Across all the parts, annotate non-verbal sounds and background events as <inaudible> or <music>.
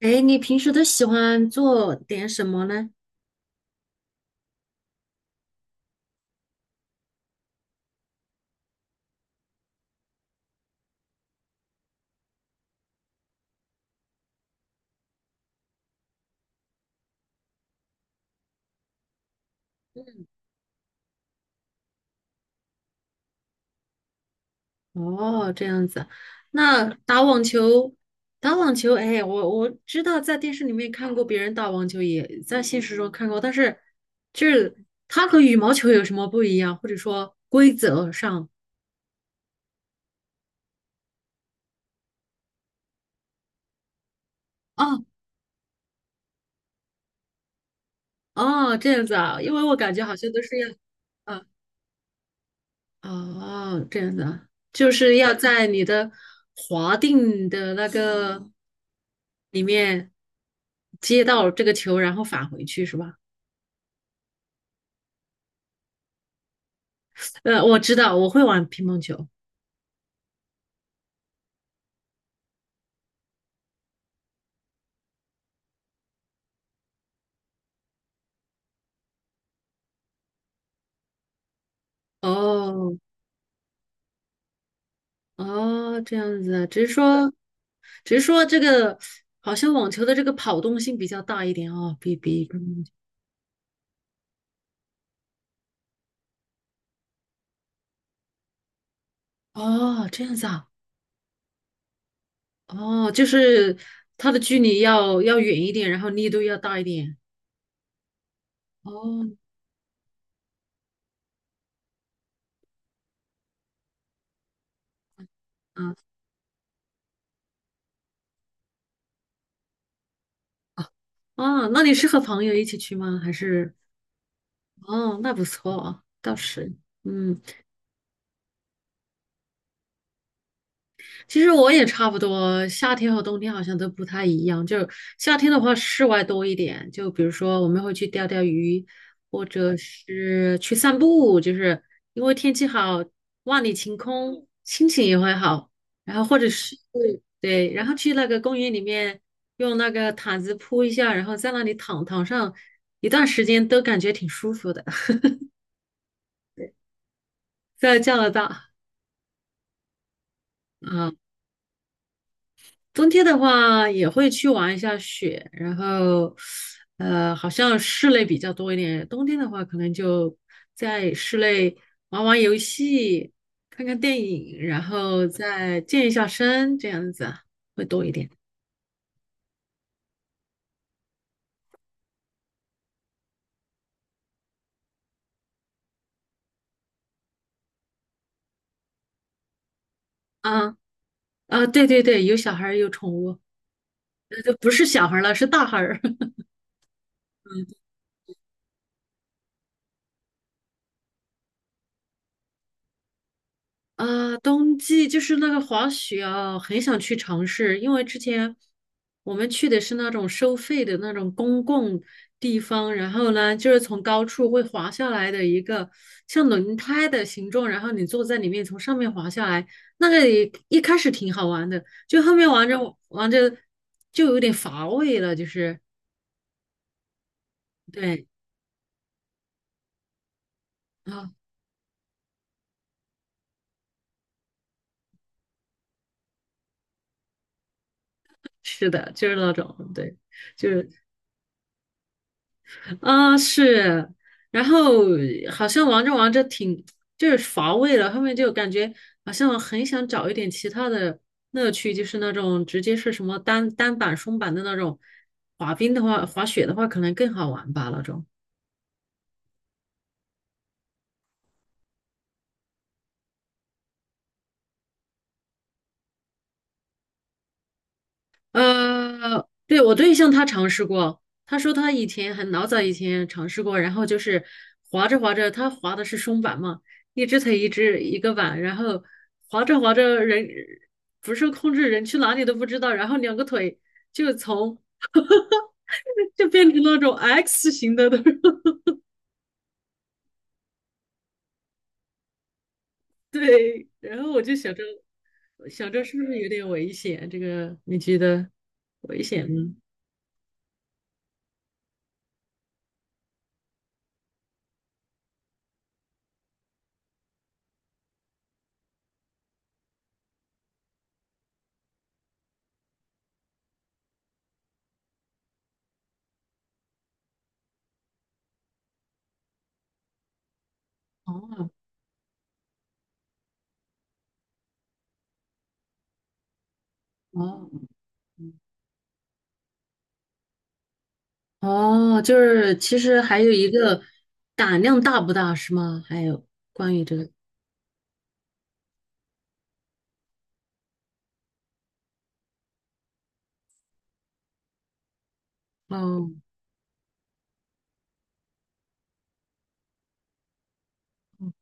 哎，你平时都喜欢做点什么呢？嗯。哦，这样子。那打网球，打网球，哎，我知道在电视里面看过别人打网球，也在现实中看过，但是就是它和羽毛球有什么不一样，或者说规则上？哦。哦，这样子啊，因为我感觉好像都是要，啊。哦，这样子啊，就是要在你的划定的那个里面接到这个球，然后返回去是吧？我知道，我会玩乒乓球。哦。哦，这样子啊，只是说，只是说这个好像网球的这个跑动性比较大一点哦，比比乒乓球。哦，这样子啊。哦，就是它的距离要要远一点，然后力度要大一点。哦。嗯。啊，那你是和朋友一起去吗？还是哦，那不错，啊，倒是。嗯。其实我也差不多，夏天和冬天好像都不太一样。就是夏天的话，室外多一点，就比如说我们会去钓钓鱼，或者是去散步，就是因为天气好，万里晴空，心情也会好。然后或者是对，然后去那个公园里面，用那个毯子铺一下，然后在那里躺躺上一段时间，都感觉挺舒服的。在加拿大。啊，冬天的话也会去玩一下雪，然后，好像室内比较多一点。冬天的话，可能就在室内玩玩游戏，看看电影，然后再健一下身，这样子会多一点。啊。啊，对对对，有小孩儿有宠物。就不是小孩儿了，是大孩儿。啊，冬季就是那个滑雪啊，很想去尝试，因为之前我们去的是那种收费的那种公共地方，然后呢，就是从高处会滑下来的一个像轮胎的形状，然后你坐在里面从上面滑下来，那个也一开始挺好玩的，就后面玩着玩着就有点乏味了，就是对啊，是的，就是那种对。就是。啊，是，然后好像玩着玩着挺就是乏味了，后面就感觉好像很想找一点其他的乐趣，就是那种直接是什么单板、双板的那种，滑冰的话，滑雪的话可能更好玩吧那种。对，我对象他尝试过，他说他以前很老早以前尝试过，然后就是滑着滑着，他滑的是双板嘛，一只腿一只一个板，然后滑着滑着人不受控制，人去哪里都不知道，然后两个腿就从 <laughs> 就变成那种 X 型的那种 <laughs> 对，然后我就想着想着是不是有点危险，这个你觉得危险吗？哦。哦。哦，就是其实还有一个胆量大不大是吗？还有关于这个，哦。嗯。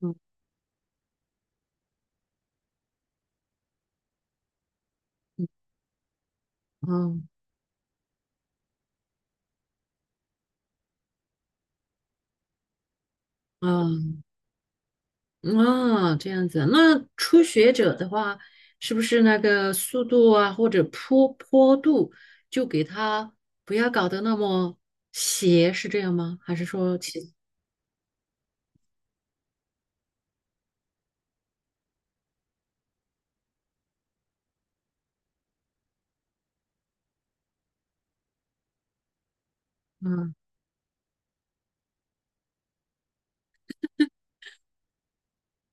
嗯。嗯。嗯。嗯。哦，这样子。那初学者的话，是不是那个速度啊，或者坡坡度，就给他不要搞得那么斜，是这样吗？还是说其，嗯。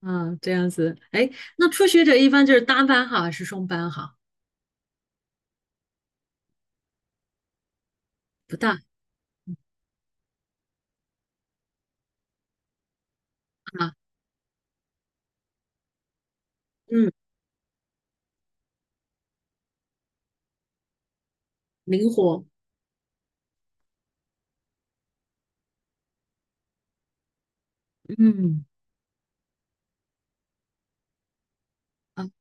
嗯。这样子？哎，那初学者一般就是单班好还是双班好？不大。啊。嗯。灵活。嗯。啊。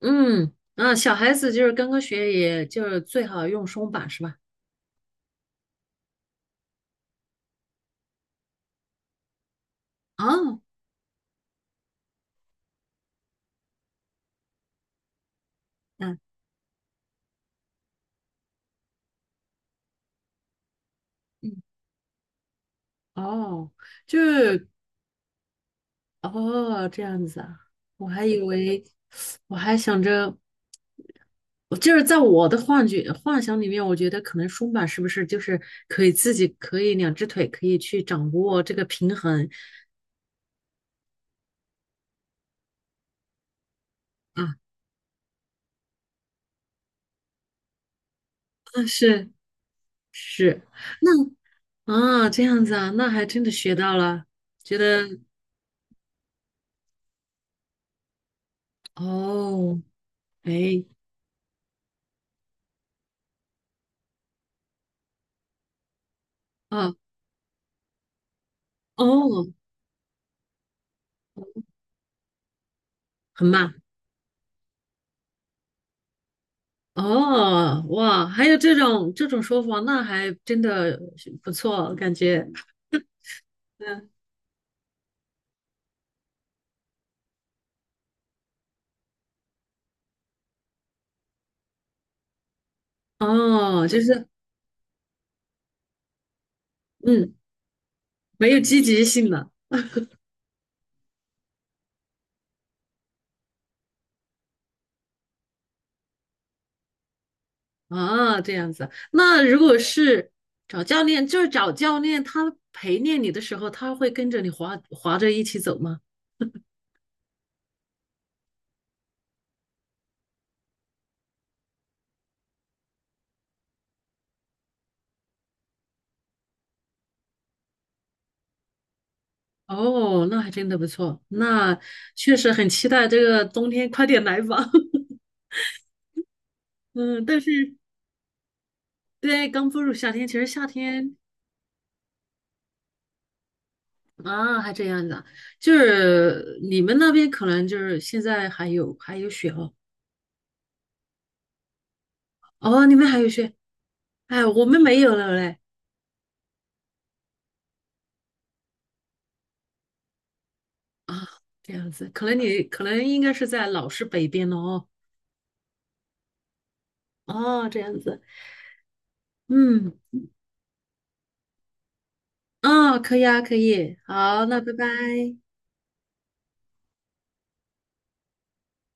嗯，啊，小孩子就是刚刚学，也就是最好用松绑是吧？哦。嗯。嗯。哦，就是哦这样子啊，我还以为，我还想着，我就是在我的幻觉幻想里面，我觉得可能松绑是不是就是可以自己可以两只腿可以去掌握这个平衡啊？啊是是，那啊这样子啊，那还真的学到了，觉得哦。哎。啊。哦。很慢哦，哇，还有这种这种说法，那还真的是不错，感觉。嗯。哦，就是嗯，没有积极性了啊，这样子。那如果是找教练，就是找教练，他陪练你的时候，他会跟着你滑滑着一起走吗？哦，那还真的不错，那确实很期待这个冬天快点来吧。<laughs> 嗯，但是对，刚步入夏天，其实夏天啊，还这样子啊，就是你们那边可能就是现在还有还有雪哦。哦，你们还有雪。哎，我们没有了嘞。啊，这样子，可能你可能应该是在老师北边了哦。哦，这样子。嗯。啊，可以啊，可以，好，那拜拜。